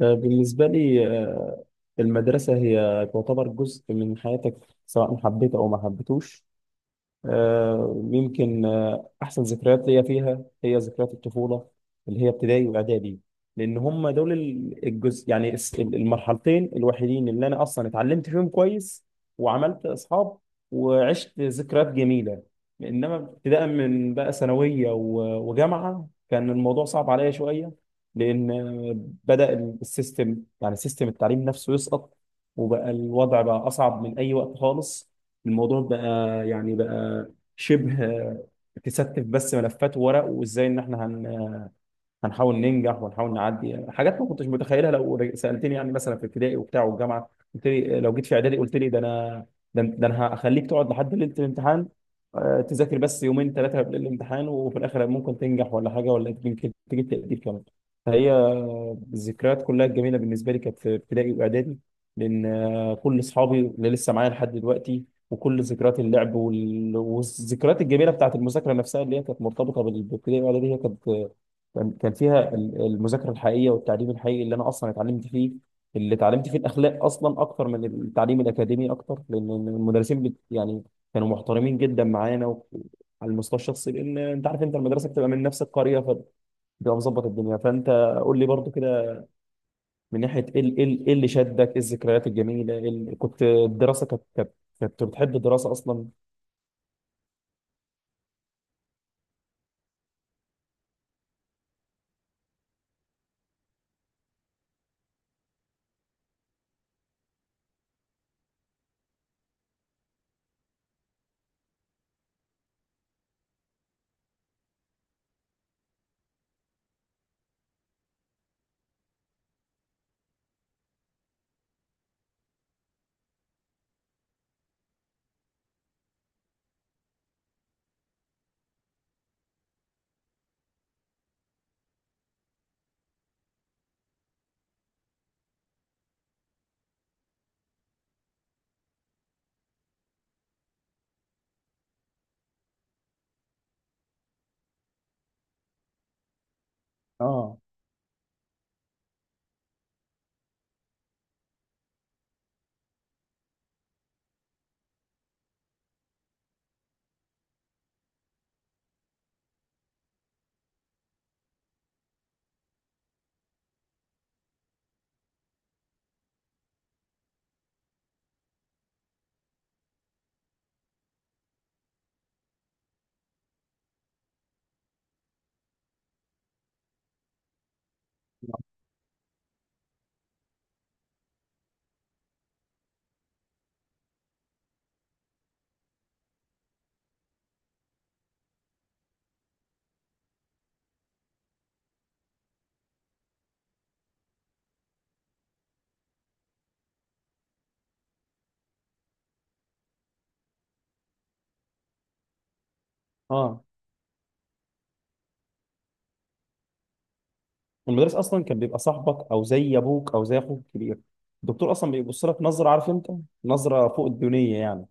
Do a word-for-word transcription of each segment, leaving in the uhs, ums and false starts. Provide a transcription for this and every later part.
آه، بالنسبة لي، آه، المدرسة هي تعتبر جزء من حياتك، سواء حبيت أو ما حبيتوش. آه، يمكن، آه، احسن ذكريات ليا فيها هي ذكريات الطفوله اللي هي ابتدائي واعدادي، لان هم دول ال- الجزء، يعني الس- المرحلتين الوحيدين اللي انا اصلا اتعلمت فيهم كويس وعملت اصحاب وعشت ذكريات جميله. انما ابتداء من بقى ثانويه و- وجامعه كان الموضوع صعب عليا شويه، لان بدا السيستم، يعني سيستم التعليم نفسه، يسقط، وبقى الوضع بقى اصعب من اي وقت خالص. الموضوع بقى، يعني بقى شبه تستف بس ملفات ورق، وازاي ان احنا هن هنحاول ننجح ونحاول نعدي حاجات ما كنتش متخيلها. لو رج- سالتني يعني مثلا في ابتدائي وبتاع والجامعه، قلت لي لو جيت في اعدادي، قلت لي ده انا، ده, ده انا هخليك تقعد لحد ليله الامتحان، آه، تذاكر بس يومين ثلاثه قبل الامتحان، وفي الاخر ممكن تنجح ولا حاجه، ولا يمكن تجيب تقدير كمان. فهي الذكريات كلها الجميله بالنسبه لي كانت في ابتدائي واعدادي، لان آه، كل اصحابي اللي لسه معايا لحد دلوقتي، وكل ذكريات اللعب وال- والذكريات الجميله بتاعت المذاكره نفسها اللي هي كانت مرتبطه بال- بالابتدائي والاعدادي، هي كانت، كان كان فيها ال- المذاكره الحقيقيه والتعليم الحقيقي اللي انا اصلا اتعلمت فيه، اللي اتعلمت فيه الاخلاق اصلا اكتر من التعليم الاكاديمي اكتر، لان المدرسين بت يعني كانوا محترمين جدا معانا و- على المستوى الشخصي، لان انت عارف، انت المدرسه بتبقى من نفس القريه فبتبقى مظبط الدنيا، فانت قول لي برضو كده، من ناحيه ايه ال- ايه ال- إيه اللي شدك، ايه الذكريات الجميله، إيه ال- كنت الدراسه كانت، كانت كنت بتحب الدراسه اصلا؟ اه، اه، المدرس اصلا كان بيبقى صاحبك او زي ابوك او زي اخوك الكبير. الدكتور اصلا بيبص لك نظره، عارف انت، نظره فوق الدنيا يعني.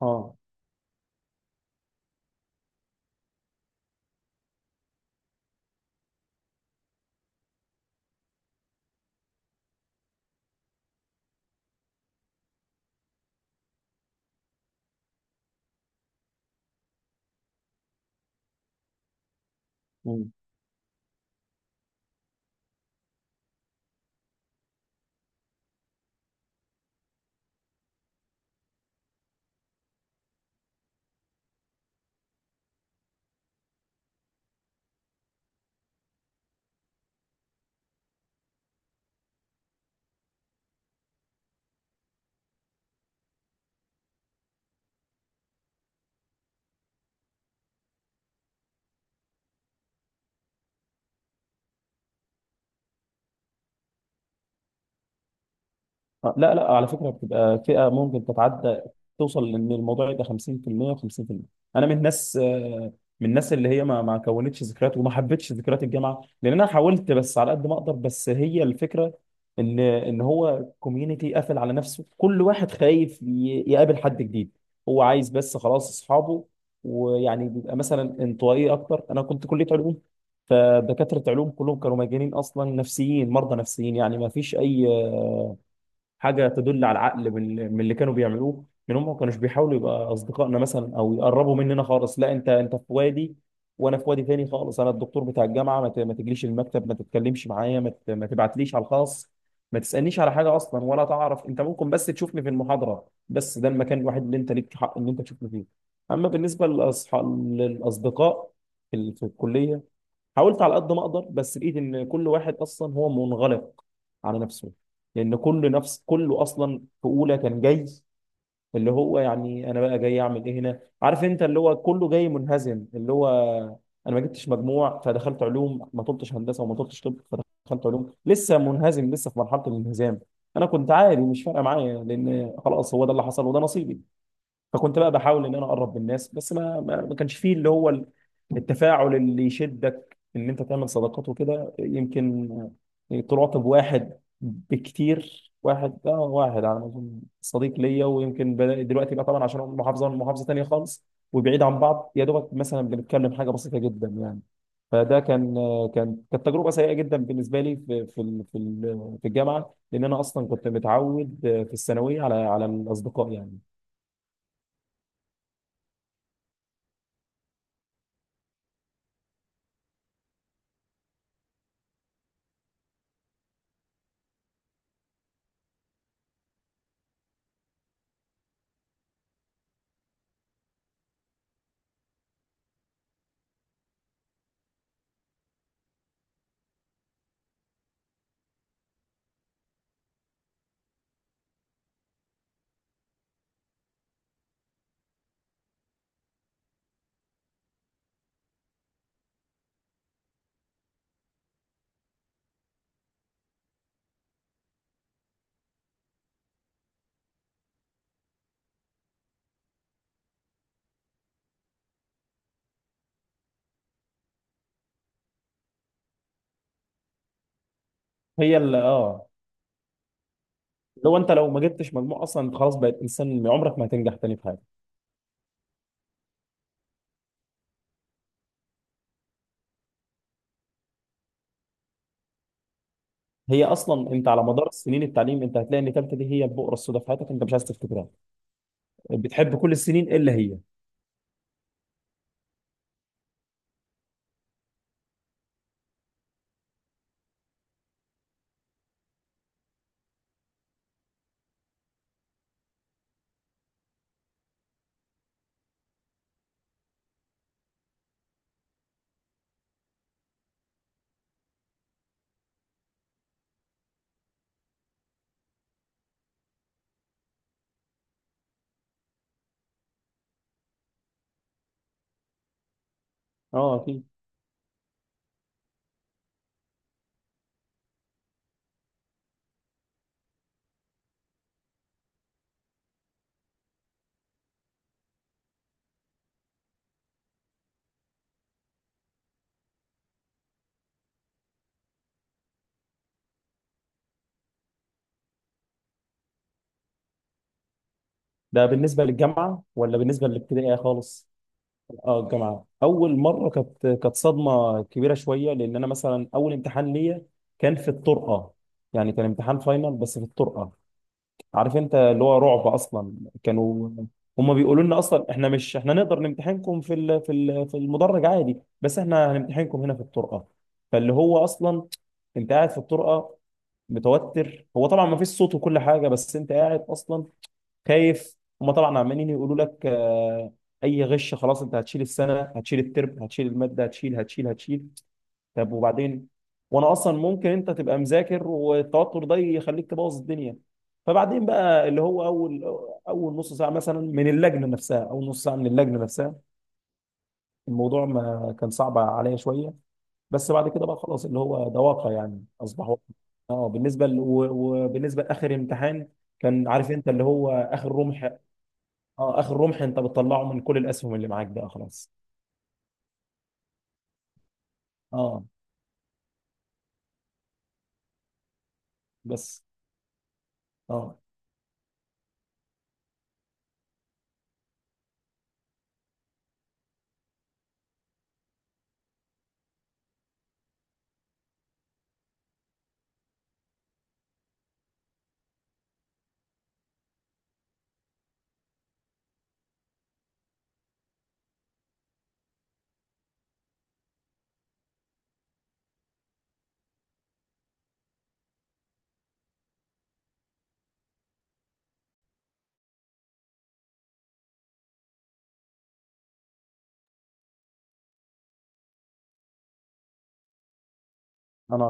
اه. آه. آه، لا لا، على فكره بتبقى فئه ممكن تتعدى توصل، لان الموضوع يبقى خمسين في المئة و50%. انا من الناس، آه، من الناس اللي هي ما ما كونتش ذكريات وما حبتش ذكريات الجامعه، لان انا حاولت بس على قد ما اقدر، بس هي الفكره ان ان هو كوميونتي قافل على نفسه، كل واحد خايف ي- يقابل حد جديد، هو عايز بس خلاص اصحابه، ويعني بيبقى مثلا انطوائي اكتر. انا كنت كليه علوم، فدكاتره علوم كلهم كانوا مجانين اصلا، نفسيين، مرضى نفسيين، يعني ما فيش اي حاجه تدل على العقل من من اللي كانوا بيعملوه، من هم ما كانوش بيحاولوا يبقى اصدقائنا مثلا او يقربوا مننا خالص، لا انت انت في وادي وانا في وادي تاني خالص. انا الدكتور بتاع الجامعه، ما ت- ما تجليش المكتب، ما تتكلمش معايا، ما ت- ما تبعتليش على الخاص، ما تسالنيش على حاجه اصلا، ولا تعرف انت، ممكن بس تشوفني في المحاضره، بس ده المكان الوحيد اللي انت ليك حق ان انت تشوفني فيه. اما بالنسبه للاصحاب، للاصدقاء في ال- في الكليه، حاولت على قد ما اقدر بس لقيت ان كل واحد اصلا هو منغلق على نفسه، لان كل نفس كله اصلا في اولى كان جاي، اللي هو يعني انا بقى جاي اعمل ايه هنا، عارف انت، اللي هو كله جاي منهزم، اللي هو انا ما جبتش مجموع فدخلت علوم، ما طلبتش هندسه وما طلبتش طب فدخلت علوم، لسه منهزم، لسه في مرحله الانهزام. انا كنت عادي، مش فارقه معايا لان خلاص هو ده اللي حصل وده نصيبي. فكنت بقى بحاول ان انا اقرب من الناس، بس ما ما ما كانش فيه اللي هو التفاعل اللي يشدك ان انت تعمل صداقات وكده. يمكن تراقب واحد بكتير، واحد، اه، واحد على ما اظن صديق ليا، ويمكن بدأ دلوقتي بقى، طبعا عشان هو من محافظه من محافظه تانيه خالص وبعيد عن بعض، يا دوبك مثلا بنتكلم حاجه بسيطه جدا يعني. فده كان كان كانت تجربه سيئه جدا بالنسبه لي في في ال- في ال- في الجامعه، لان انا اصلا كنت متعود في الثانويه على على الاصدقاء يعني. هي اللي، اه لو انت لو ما جبتش مجموع اصلا انت خلاص بقيت انسان عمرك ما هتنجح تاني في حاجه. هي اصلا انت على مدار سنين التعليم انت هتلاقي ان ثالثه دي هي البؤره السوداء في حياتك، انت مش عايز تفتكرها، بتحب كل السنين الا هي. اه، اكيد. ده بالنسبه للجامعه ولا بالنسبه للابتدائيه خالص؟ اه، الجامعه اول مره كانت كانت صدمه كبيره شويه، لان انا مثلا اول امتحان ليا كان في الطرقه، يعني كان امتحان فاينل بس في الطرقه، عارف انت اللي هو رعب اصلا. كانوا هم بيقولوا لنا اصلا، احنا مش احنا نقدر نمتحنكم في ال- في ال- في المدرج عادي، بس احنا هنمتحنكم هنا في الطرقه. فاللي هو اصلا انت قاعد في الطرقه متوتر، هو طبعا ما فيش صوت وكل حاجه، بس انت قاعد اصلا خايف. هم طبعا عمالين يقولوا لك، آه، اي غش خلاص، انت هتشيل السنه، هتشيل الترم، هتشيل الماده، هتشيل، هتشيل، هتشيل. طب وبعدين؟ وانا اصلا ممكن انت تبقى مذاكر والتوتر ده يخليك تبوظ الدنيا. فبعدين بقى اللي هو اول، اول نص ساعه مثلا من اللجنه نفسها، اول نص ساعه من اللجنه نفسها، الموضوع ما كان صعب عليا شويه، بس بعد كده بقى خلاص، اللي هو ده واقع يعني، اصبح واقع. اه، بالنسبه ل... و- وبالنسبه لاخر امتحان، كان، عارف انت، اللي هو اخر رمح. اه، اخر رمح انت بتطلعه من كل الاسهم اللي معاك بقى خلاص. اه. بس اه، انا